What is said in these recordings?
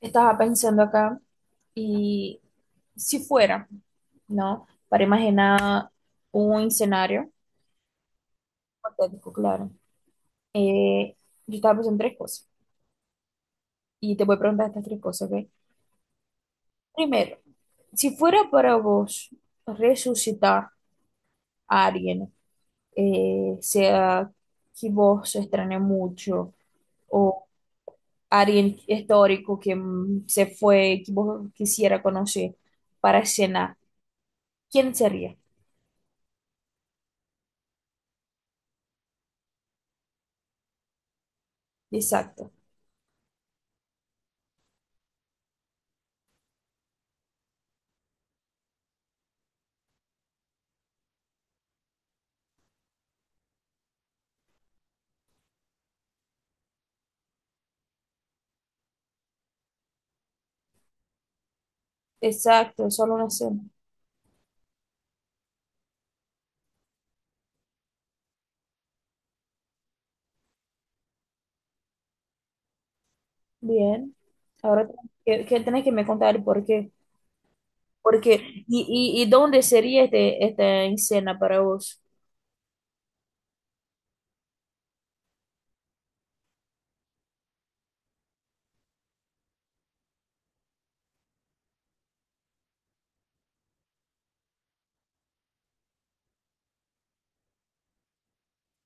Estaba pensando acá y si fuera, ¿no? Para imaginar un escenario hipotético, claro. Eh, yo estaba pensando en tres cosas y te voy a preguntar estas tres cosas, ¿ok? Primero, si fuera para vos resucitar a alguien, sea que vos extrañe mucho o alguien histórico que se fue, que vos quisiera conocer para escena, ¿quién sería? Exacto, exacto, solo una cena. Bien. Ahora que tenés que me contar el por qué. Porque, y dónde sería esta cena para vos.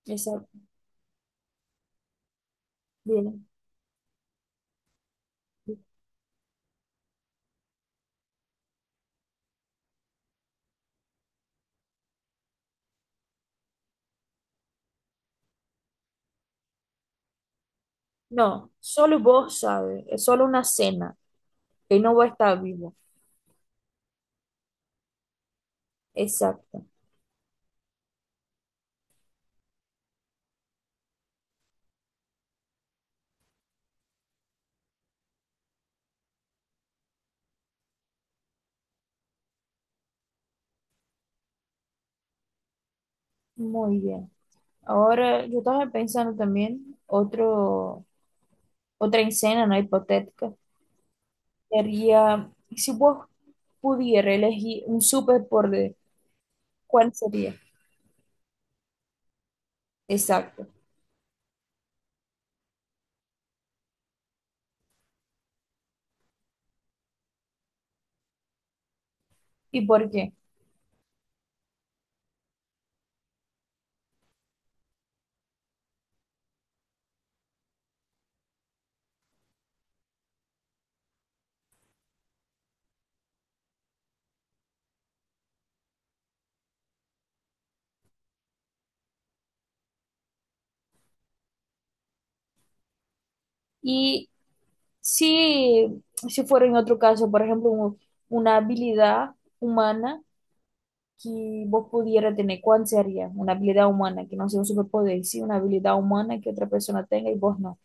Exacto. Bien. No, solo vos sabes, es solo una cena, que no va a estar vivo. Exacto. Muy bien. Ahora yo estaba pensando también otra escena, ¿no? Hipotética. Sería, si vos pudieras elegir un superpoder, ¿cuál sería? Exacto. ¿Y por qué? Y si, si fuera en otro caso, por ejemplo, una habilidad humana que vos pudiera tener, ¿cuál sería? Una habilidad humana, que no sea un superpoder, sí, una habilidad humana que otra persona tenga y vos no.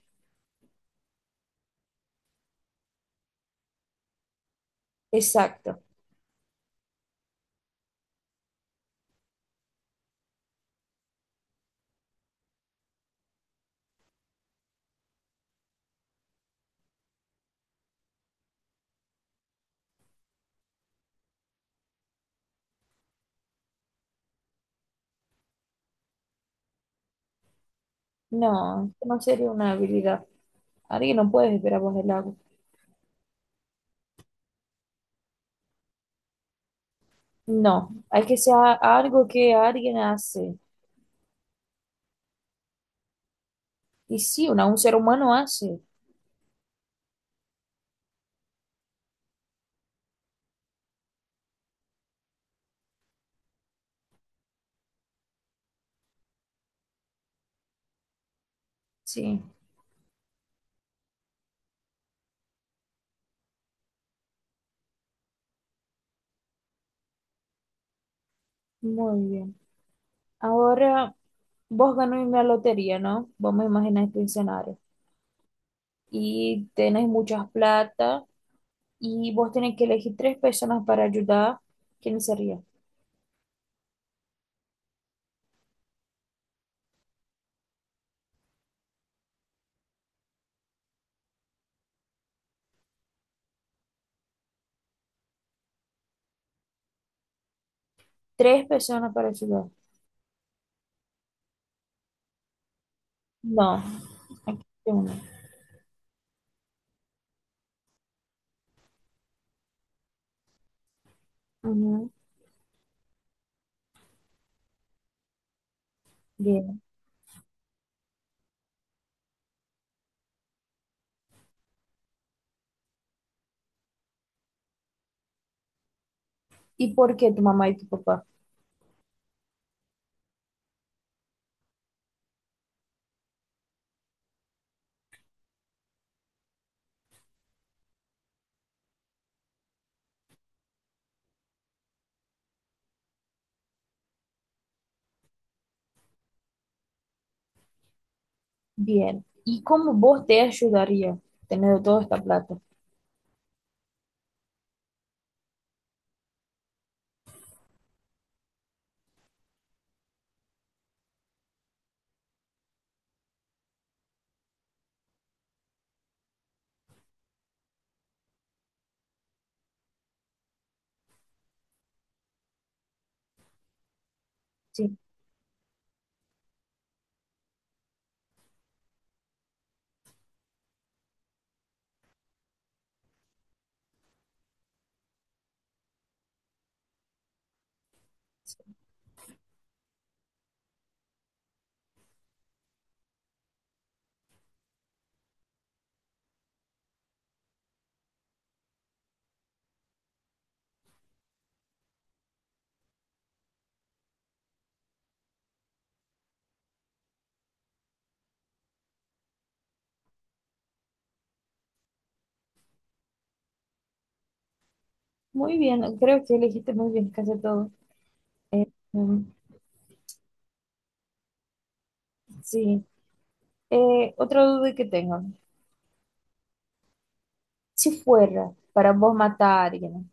Exacto. No, no sería una habilidad. Alguien no puede esperar vos el agua. No, hay que ser algo que alguien hace. Y sí, una, un ser humano hace. Sí, muy bien. Ahora vos ganás una lotería, ¿no? Vamos a imaginar este escenario. Y tenés mucha plata y vos tenés que elegir tres personas para ayudar. ¿Quién sería? Tres personas para ayudar. No, aquí hay uno. Ujú. Bien. ¿Y por qué tu mamá y tu papá? Bien. ¿Y cómo vos te ayudaría teniendo toda esta plata? Sí. Sí. Muy bien, creo que elegiste muy bien casi todo. Eh, mm, sí. Otra duda que tengo. Si fuera para vos matar a alguien,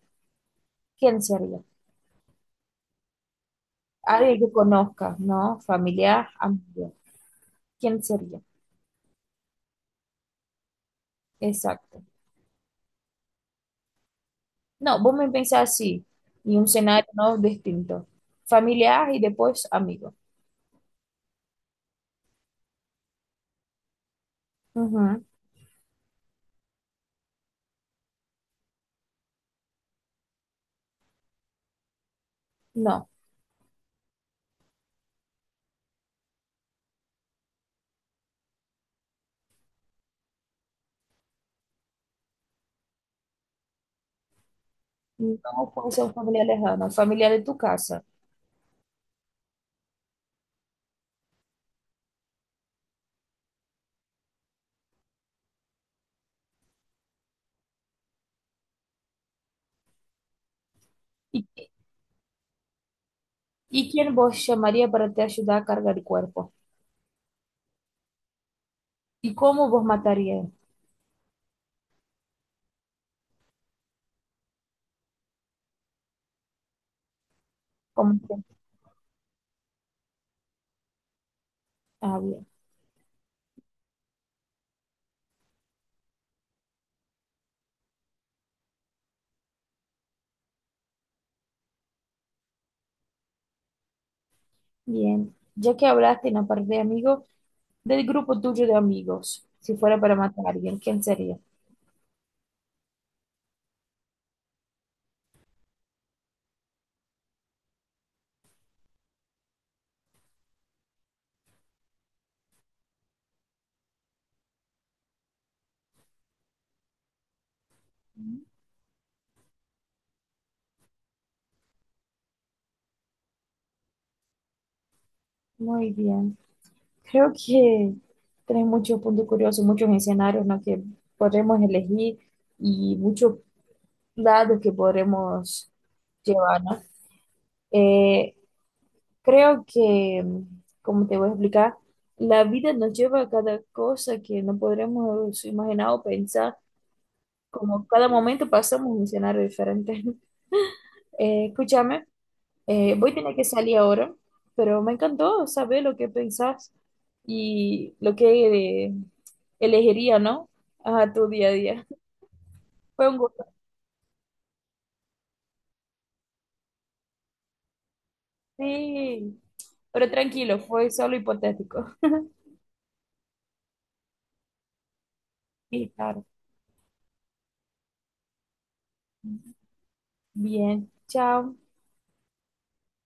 ¿quién sería? Alguien que conozcas, ¿no? Familiar, amigo. ¿Quién sería? Exacto. No, vos me pensás así, y un escenario no distinto. Familiar y después amigo. Ujú. No, no puede ser un familiar lejano, familiar de tu casa. ¿Y, y quién vos llamaría para te ayudar a cargar el cuerpo? ¿Y cómo vos matarías? ¿Cómo te- bien. Bien. Ya que hablaste en la parte de amigos, del grupo tuyo de amigos, si fuera para matar a alguien, ¿quién sería? Muy bien. Creo que tenés muchos puntos curiosos, muchos escenarios, ¿no?, que podremos elegir y muchos lados que podremos llevar, ¿no? Eh, Creo que, como te voy a explicar, la vida nos lleva a cada cosa que no podremos imaginar o pensar, como cada momento pasamos un escenario diferente. Escúchame. Voy a tener que salir ahora, pero me encantó saber lo que pensás y lo que elegiría, ¿no? A tu día a día. Fue un gusto. Sí, pero tranquilo, fue solo hipotético. Sí, claro. Bien, chao.